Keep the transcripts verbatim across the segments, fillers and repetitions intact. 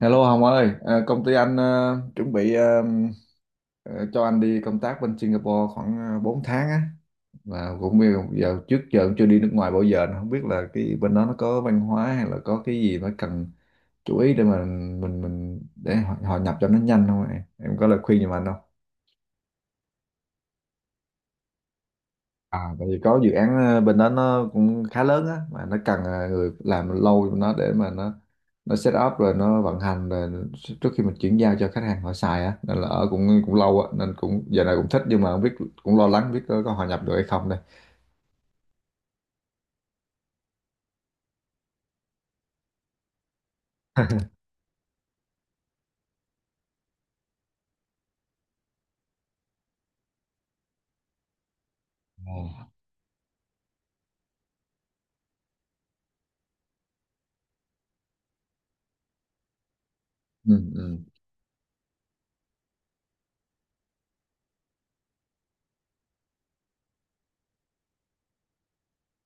Hello Hồng ơi, à, công ty anh ờ, chuẩn bị ờ, ờ, cho anh đi công tác bên Singapore khoảng uh, 4 tháng á. Và cũng bây giờ giờ- trước giờ cũng chưa đi nước ngoài bao giờ, nên không biết là cái bên đó nó có văn hóa hay là có cái gì phải cần chú ý để mà mình mình để họ, họ nhập cho nó nhanh không em? Em có lời khuyên giùm anh không? À, tại vì có dự án ờ, bên đó nó cũng khá lớn á, mà nó cần ờ, người làm lâu cho nó, để mà nó nó set up rồi nó vận hành rồi, trước khi mình chuyển giao cho khách hàng họ xài á, nên là ở cũng cũng lâu á, nên cũng giờ này cũng thích nhưng mà không biết, cũng lo lắng biết có, có hòa nhập được hay không đây. Ồ. Ừ, ừ.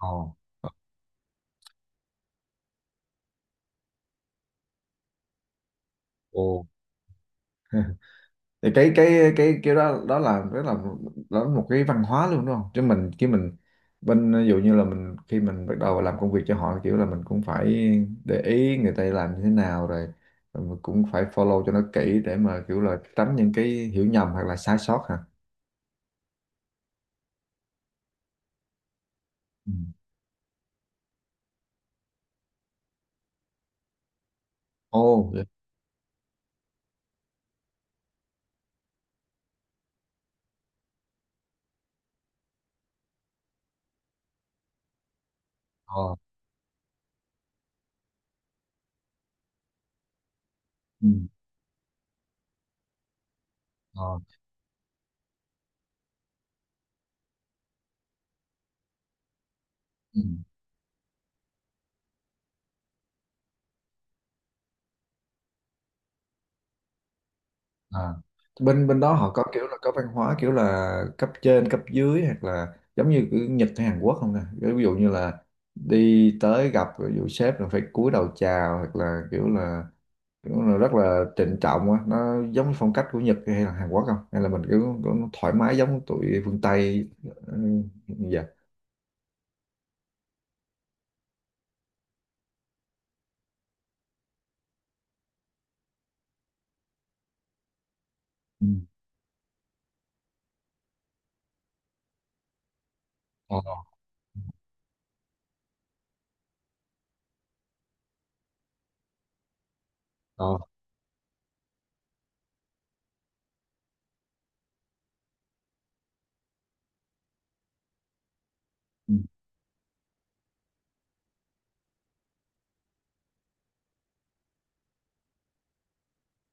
Ồ. Ồ. Thì cái cái cái kiểu đó, đó là đó là đó là một cái văn hóa luôn đúng không? Chứ mình khi mình bên, ví dụ như là mình khi mình bắt đầu làm công việc cho họ, kiểu là mình cũng phải để ý người ta làm như thế nào rồi, rồi mình cũng phải follow cho nó kỹ để mà kiểu là tránh những cái hiểu nhầm hoặc là sai sót hả? Ừ. Ồ vậy. Ờ. Ừ. Ờ. Ừ. À. Bên bên đó họ có kiểu là có văn hóa kiểu là cấp trên cấp dưới, hoặc là giống như kiểu Nhật hay Hàn Quốc không nè? Kiểu ví dụ như là đi tới gặp, ví dụ sếp là phải cúi đầu chào, hoặc là kiểu là kiểu là rất là trịnh trọng á, nó giống như phong cách của Nhật hay là Hàn Quốc không, hay là mình kiểu, kiểu thoải mái giống tụi phương Tây? Ừ, dạ. Ừ. Ờ. Ờ. Ừ.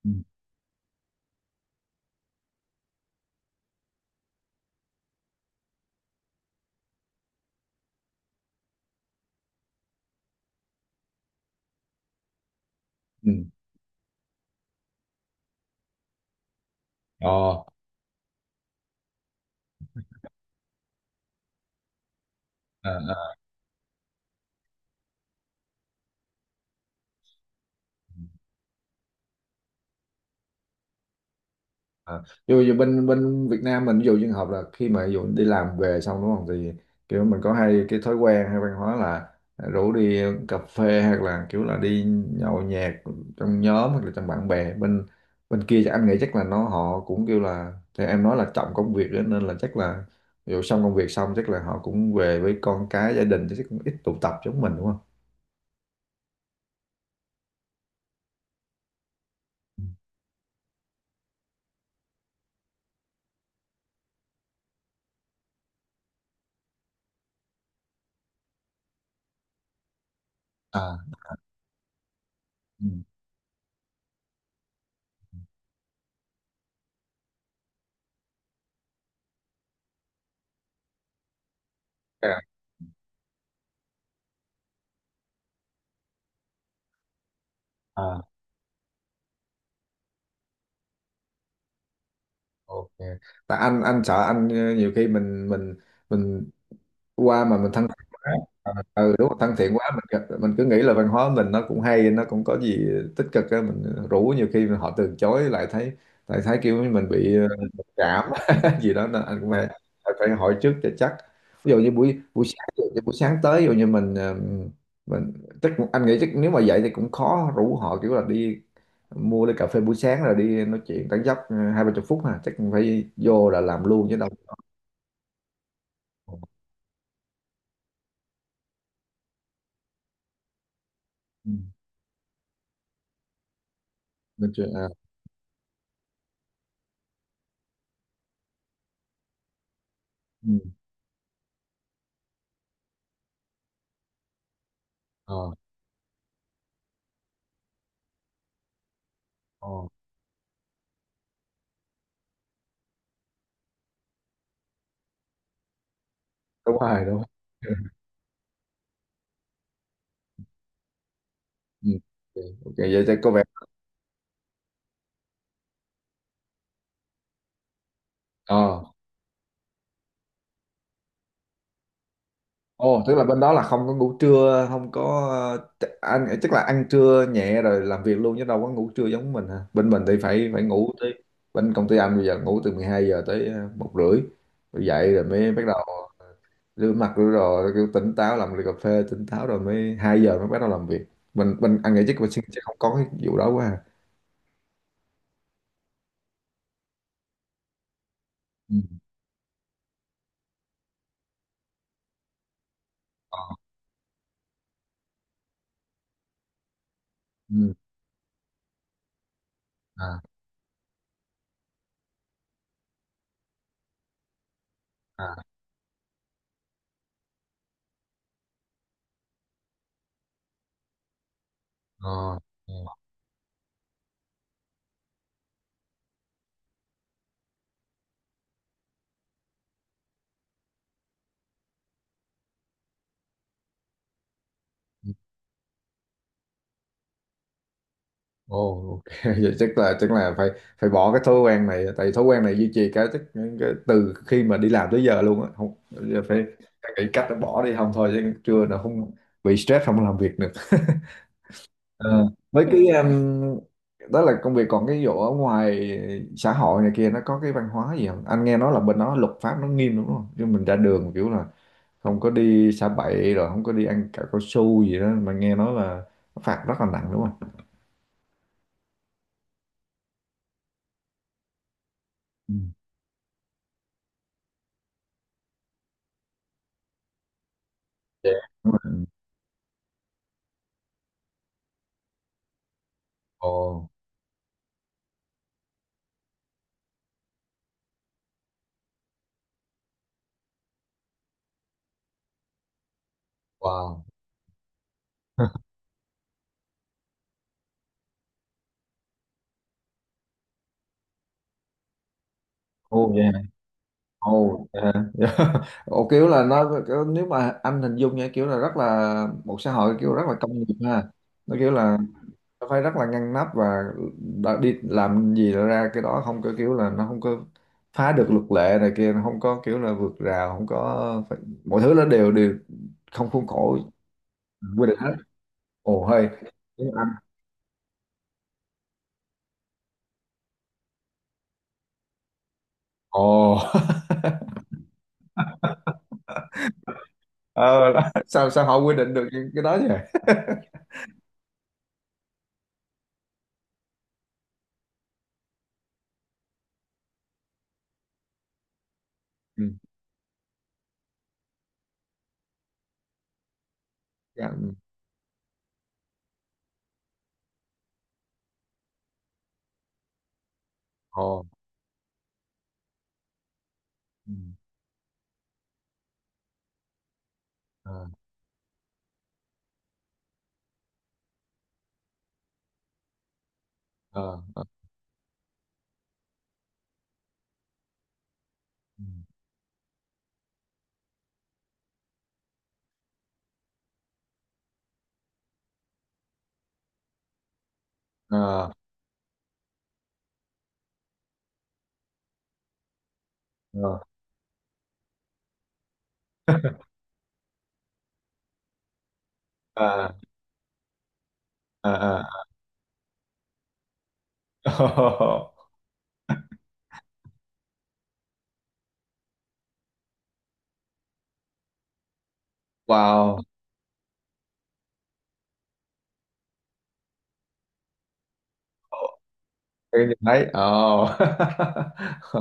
Ừ. Ừ. Ờ. Ờ. À, dù dù bên bên Việt Nam mình, ví dụ trường hợp là khi mà ví dụ đi làm về xong đúng không, thì kiểu mình có hay cái thói quen hay văn hóa là rủ đi cà phê hoặc là kiểu là đi nhậu nhẹt trong nhóm hoặc là trong bạn bè, bên bên kia chắc anh nghĩ chắc là nó họ cũng kêu là, thì em nói là trọng công việc đó, nên là chắc là ví dụ xong công việc xong chắc là họ cũng về với con cái gia đình, chứ chắc cũng ít tụ tập giống mình đúng không? À, ừ. À, à, ok. Tại anh anh sợ anh ờ, nhiều khi mình mình mình qua mà mình thân thiện quá. Ờ, ừ đúng rồi, thân thiện quá mình cứ- mình cứ nghĩ là văn hóa mình nó cũng hay, nó cũng có gì tích cực á, mình rủ nhiều khi họ từ chối lại thấy, lại thấy kiểu như mình bị ờ, mặc cảm gì đó, nên anh cũng phải phải hỏi trước cho chắc. Ví dụ như buổi buổi sáng, ví dụ như buổi sáng tới, ví dụ như mình ờ, mình chắc anh nghĩ chắc nếu mà vậy thì cũng khó rủ họ kiểu là đi mua ly cà phê buổi sáng rồi đi nói chuyện tán dóc ờ, hai ba chục phút ha, chắc cũng phải vô là làm luôn chứ đâu. Ừ. Nói chuyện, à, ừ. Ờ. Ờ đúng rồi, đúng. Rồi. Ừ. Ok, vậy thì có vẻ. Ờ. Ồ, tức là bên đó là không có ngủ trưa, không có ờ, ăn, chắc là ăn trưa nhẹ rồi làm việc luôn chứ đâu có ngủ trưa giống mình hả? Bên mình thì phải phải ngủ tới, bên công ty anh bây giờ ngủ từ mười hai giờ tới ờ, một rưỡi, rồi dậy rồi mới bắt đầu rửa mặt rửa đồ rồi kiểu tỉnh táo, làm ly cà phê tỉnh táo rồi mới hai giờ mới bắt đầu làm việc. Mình mình anh nghĩ chắc mình sẽ sẽ không có cái vụ đó quá à. Ừ. Ờ. Ừ. À. À. Ờ. Ừ. Ồ, ok. Vậy chắc là chắc là phải phải bỏ cái thói quen này, tại thói quen này duy trì cái, chắc- cái từ khi mà đi làm tới giờ luôn á, không giờ phải phải nghĩ cách để bỏ đi không, thôi chứ chưa là không bị stress không làm việc được. Ờ, với cái. Ừ. um, đó là công việc, còn cái vụ ở ngoài xã hội này kia nó có cái văn hóa gì không? Anh nghe nói là bên đó luật pháp nó nghiêm đúng không, chứ mình ra đường kiểu là không có đi xả bậy, rồi không có đi ăn cả cao su gì đó, mà nghe nói là nó phạt rất là nặng đúng không? Ừ. Dạ. Ồ. Wow. Ồ vậy hả? Ồ, vậy hả? Ồ kiểu là nó kiểu, nếu mà anh hình dung nha, kiểu là rất là một xã hội kiểu rất là công nghiệp ha. Nó kiểu là nó phải rất là ngăn nắp và đã đi làm gì là ra cái đó, không có kiểu là nó không có phá được luật lệ này kia, nó không có kiểu là vượt rào, không có phải, mọi thứ nó đều đều không khuôn khổ, quy định hết. Ồ hay. Tiếng Anh. Ồ. Ờ, đó. Sao sao họ quy định được những cái đó vậy? Ừ. Dạ, ừ. Ồ. Ờ. Ờ. Ờ. Ờ. Ờ. Ờ. Ờ. Ờ. Ờ. Wow. Cái nhìn thấy ờ. Ờ.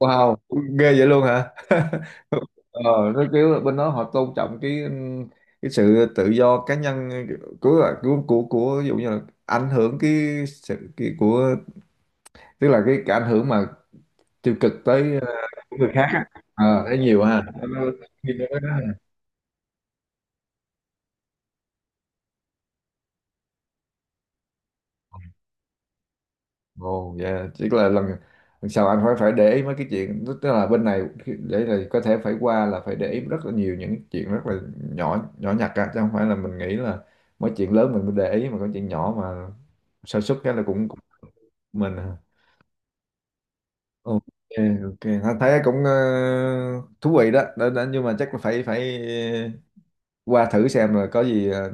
Wow, ghê vậy luôn hả? Ờ, nó kiểu bên đó họ tôn trọng cái cái sự tự do cá nhân của của của, của ví dụ như là ảnh hưởng cái sự cái, của, tức là cái, cái ảnh hưởng mà tiêu cực tới ờ, người khác á. Ờ thấy nhiều ha. Nó- nó- Ồ, dạ. Tức là lần lần sau anh phải phải để ý mấy cái chuyện, tức tức là bên này khi- để là có thể phải qua là phải để ý rất là nhiều những chuyện rất là nhỏ nhỏ nhặt á, chứ không phải là mình nghĩ là mấy chuyện lớn mình mới để ý, mà có chuyện nhỏ mà sa sút cái là cũng, cũng mình à. Ok. Ok, anh thấy cũng ờ, thú vị đó. Đó, đó nhưng mà chắc là phải phải ờ, qua thử xem rồi có gì ờ,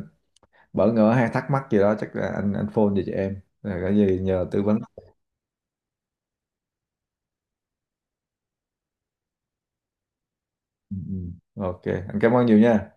bỡ ngỡ hay thắc mắc gì đó chắc là anh anh phone về cho em rồi có gì nhờ tư vấn. Ừ, ừ. Ok, anh cảm ơn nhiều nha.